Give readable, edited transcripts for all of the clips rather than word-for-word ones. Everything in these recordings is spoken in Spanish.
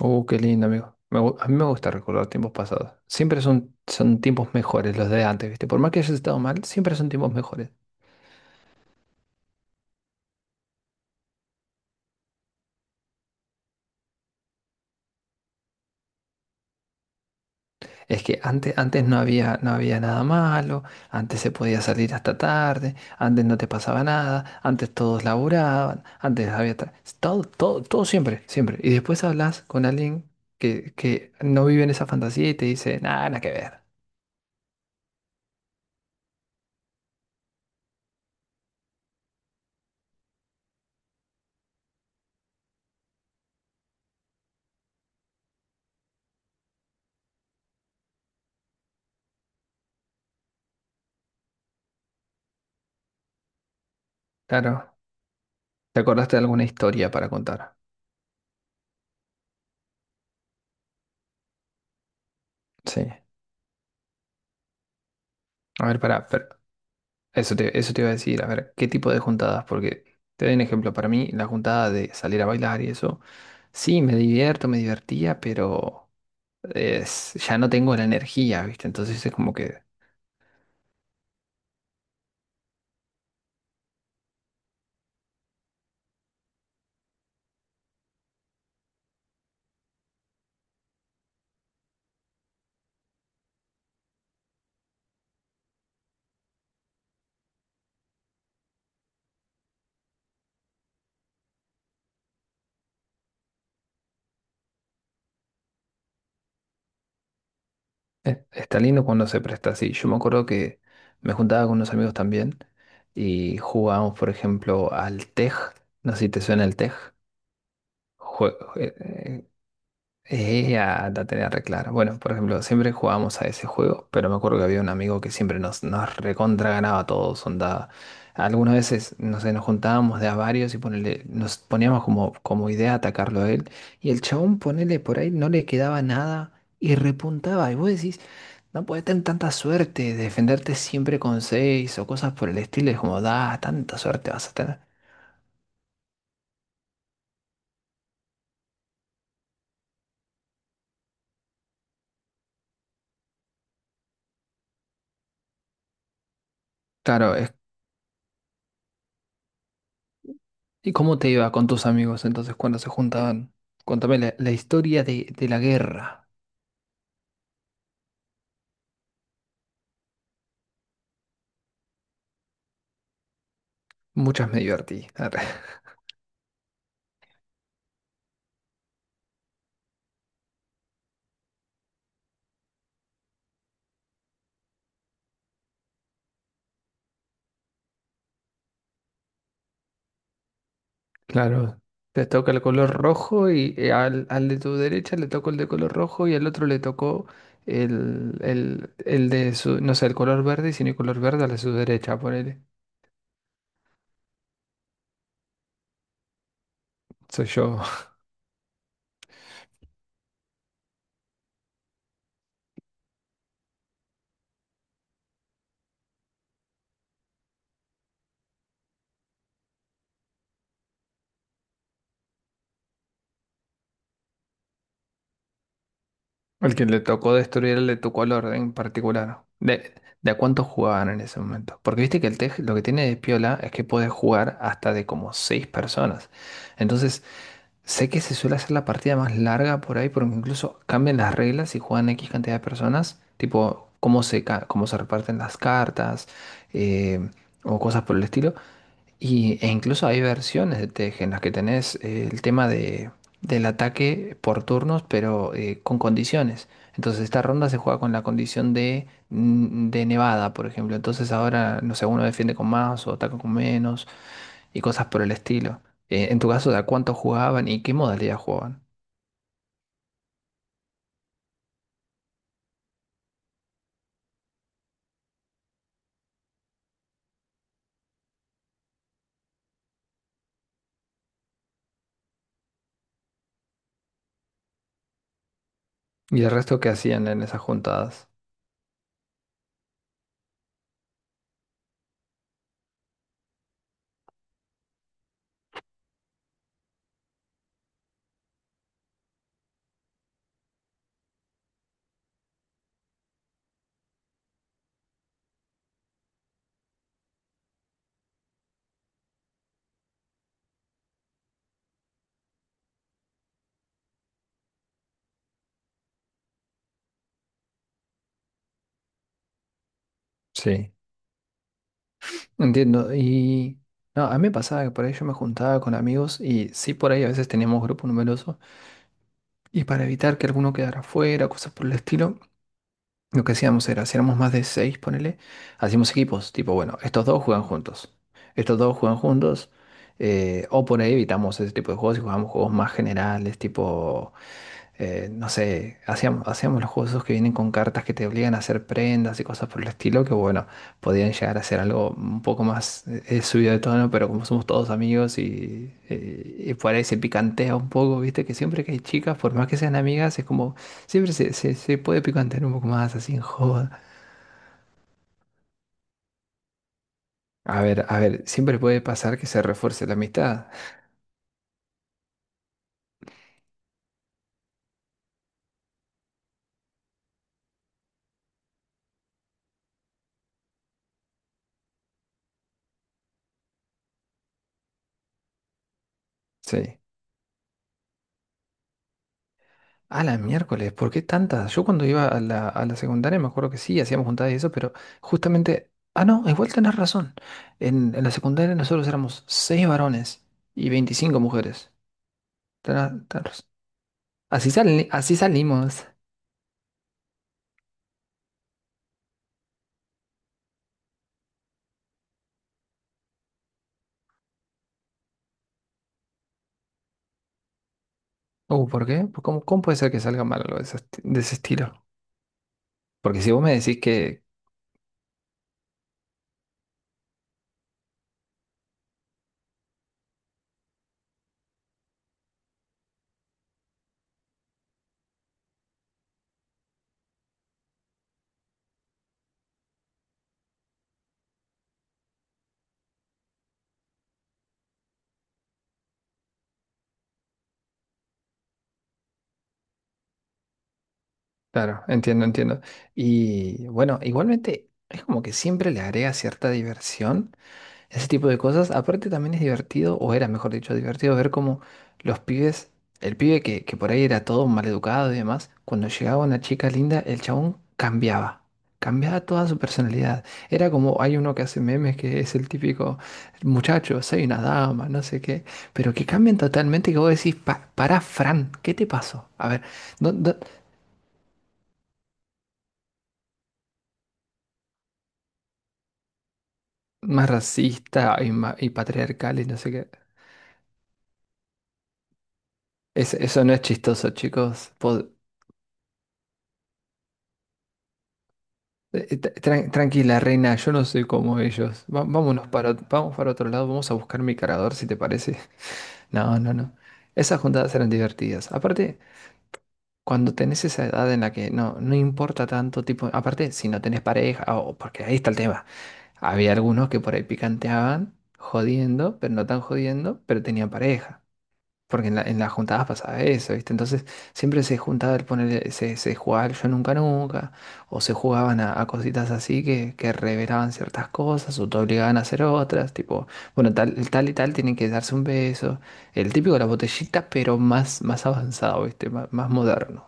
Oh, qué lindo, amigo. Me gu- a mí me gusta recordar tiempos pasados. Siempre son tiempos mejores los de antes, ¿viste? Por más que hayas estado mal, siempre son tiempos mejores. Es que antes, antes no había nada malo, antes se podía salir hasta tarde, antes no te pasaba nada, antes todos laburaban, antes había tra- todo, todo, todo siempre, siempre. Y después hablas con alguien que no vive en esa fantasía y te dice, nada, nada que ver. Claro, ¿te acordaste de alguna historia para contar? Sí. A ver, pará. Eso te iba a decir, a ver, ¿qué tipo de juntadas? Porque te doy un ejemplo, para mí la juntada de salir a bailar y eso, sí, me divierto, me divertía, pero es- ya no tengo la energía, ¿viste? Entonces es como que está lindo cuando se presta así. Yo me acuerdo que me juntaba con unos amigos también y jugábamos, por ejemplo, al tej, no sé si te suena el tej. La tenía re clara. Bueno, por ejemplo, siempre jugábamos a ese juego, pero me acuerdo que había un amigo que siempre nos recontra ganaba a todos, onda. Algunas veces, no sé, nos juntábamos de a varios y ponele, nos poníamos como idea atacarlo a él. Y el chabón, ponele por ahí, no le quedaba nada y repuntaba. Y vos decís, no puedes tener tanta suerte, defenderte siempre con seis o cosas por el estilo. Es como, da, tanta suerte vas a tener. Claro, es ¿y cómo te iba con tus amigos entonces cuando se juntaban? Cuéntame la historia de la guerra. Muchas me divertí. Claro, te toca el color rojo y al de tu derecha le tocó el de color rojo y al otro le tocó el de su, no sé, el color verde, sino el color verde al de su derecha, ponele. Soy yo. El que le tocó destruir le tocó al orden en particular. De a cuánto jugaban en ese momento? Porque viste que el TEG lo que tiene de piola es que puede jugar hasta de como seis personas. Entonces, sé que se suele hacer la partida más larga por ahí, porque incluso cambian las reglas y juegan X cantidad de personas, tipo cómo se, ca- cómo se reparten las cartas, eh, o cosas por el estilo. Y, e incluso hay versiones de TEG en las que tenés el tema de, del ataque por turnos, pero con condiciones. Entonces esta ronda se juega con la condición de, mm, de nevada, por ejemplo. Entonces ahora, no sé, uno defiende con más o ataca con menos y cosas por el estilo. En tu caso, ¿de a cuánto jugaban y qué modalidad jugaban? Y el resto que hacían en esas juntadas. Sí. Entiendo, y no, a mí me pasaba que por ahí yo me juntaba con amigos y sí por ahí a veces teníamos grupos numerosos. Y para evitar que alguno quedara fuera, cosas por el estilo, lo que hacíamos era, si éramos más de seis, ponele, hacíamos equipos, tipo, bueno, estos dos juegan juntos, estos dos juegan juntos, o por ahí evitamos ese tipo de juegos y jugamos juegos más generales, tipo no sé, hacíamos los juegos esos que vienen con cartas que te obligan a hacer prendas y cosas por el estilo, que bueno, podían llegar a ser algo un poco más subido de tono, pero como somos todos amigos y por ahí se picantea un poco, viste, que siempre que hay chicas, por más que sean amigas, es como, siempre se puede picantear un poco más, así en joda. A ver, siempre puede pasar que se refuerce la amistad. Sí. A la miércoles, ¿por qué tantas? Yo cuando iba a la secundaria me acuerdo que sí, hacíamos juntadas y eso, pero justamente, ah, no, igual tenés razón. En la secundaria nosotros éramos seis varones y 25 mujeres. Tenés- tenés razón. Así sali- así salimos. ¿Por qué? ¿Por ¿cómo, cómo puede ser que salga mal algo de ese, esti- de ese estilo? Porque si vos me decís que, claro, entiendo, entiendo. Y bueno, igualmente es como que siempre le agrega cierta diversión ese tipo de cosas. Aparte también es divertido, o era mejor dicho, divertido ver cómo los pibes, el pibe que por ahí era todo maleducado y demás, cuando llegaba una chica linda, el chabón cambiaba. Cambiaba toda su personalidad. Era como, hay uno que hace memes que es el típico muchacho, soy una dama, no sé qué, pero que cambian totalmente que vos decís, para pará, Fran, ¿qué te pasó? A ver, no- no- más racista y, ma- y patriarcal y no sé qué. Es- eso no es chistoso, chicos. Po- Tranquila, reina, yo no soy como ellos. Va- vámonos para, ot- vamos para otro lado, vamos a buscar mi cargador si te parece. No, no, no. Esas juntadas eran divertidas. Aparte, cuando tenés esa edad en la que no, no importa tanto tipo, aparte, si no tenés pareja, o porque ahí está el tema. Había algunos que por ahí picanteaban, jodiendo, pero no tan jodiendo, pero tenían pareja. Porque en las juntadas pasaba eso, ¿viste? Entonces siempre se juntaba el poner, se jugaba el yo nunca nunca, o se jugaban a cositas así que revelaban ciertas cosas, o te obligaban a hacer otras, tipo, bueno, tal, el tal y tal tienen que darse un beso, el típico de la botellita, pero más, más avanzado, ¿viste? Má- más moderno.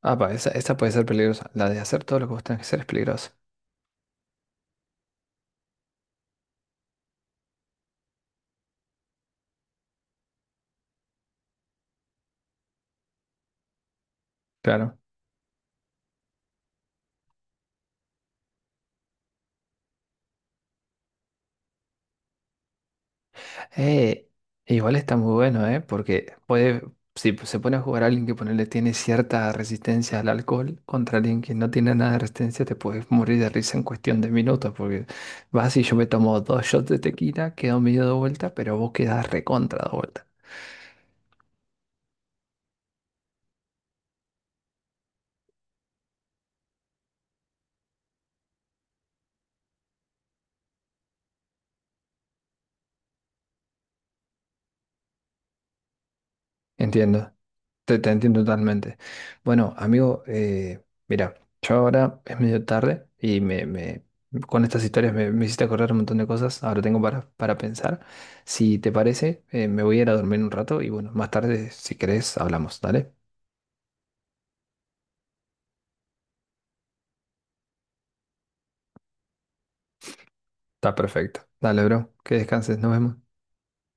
Ah, pa, esa puede ser peligrosa, la de hacer todo lo que vos tenés que hacer es peligrosa, claro. Eh, Igual está muy bueno, ¿eh? Porque puede, si se pone a jugar a alguien que ponerle tiene cierta resistencia al alcohol contra alguien que no tiene nada de resistencia, te puedes morir de risa en cuestión de minutos, porque vas y yo me tomo 2 shots de tequila, quedo medio de vuelta, pero vos quedás recontra de vuelta. Entiendo. Te entiendo totalmente. Bueno, amigo, mira, yo ahora es medio tarde y me- con estas historias me, me hiciste acordar un montón de cosas. Ahora tengo para pensar. Si te parece, me voy a ir a dormir un rato y bueno, más tarde, si querés, hablamos. Dale. Está perfecto. Dale, bro. Que descanses. Nos vemos.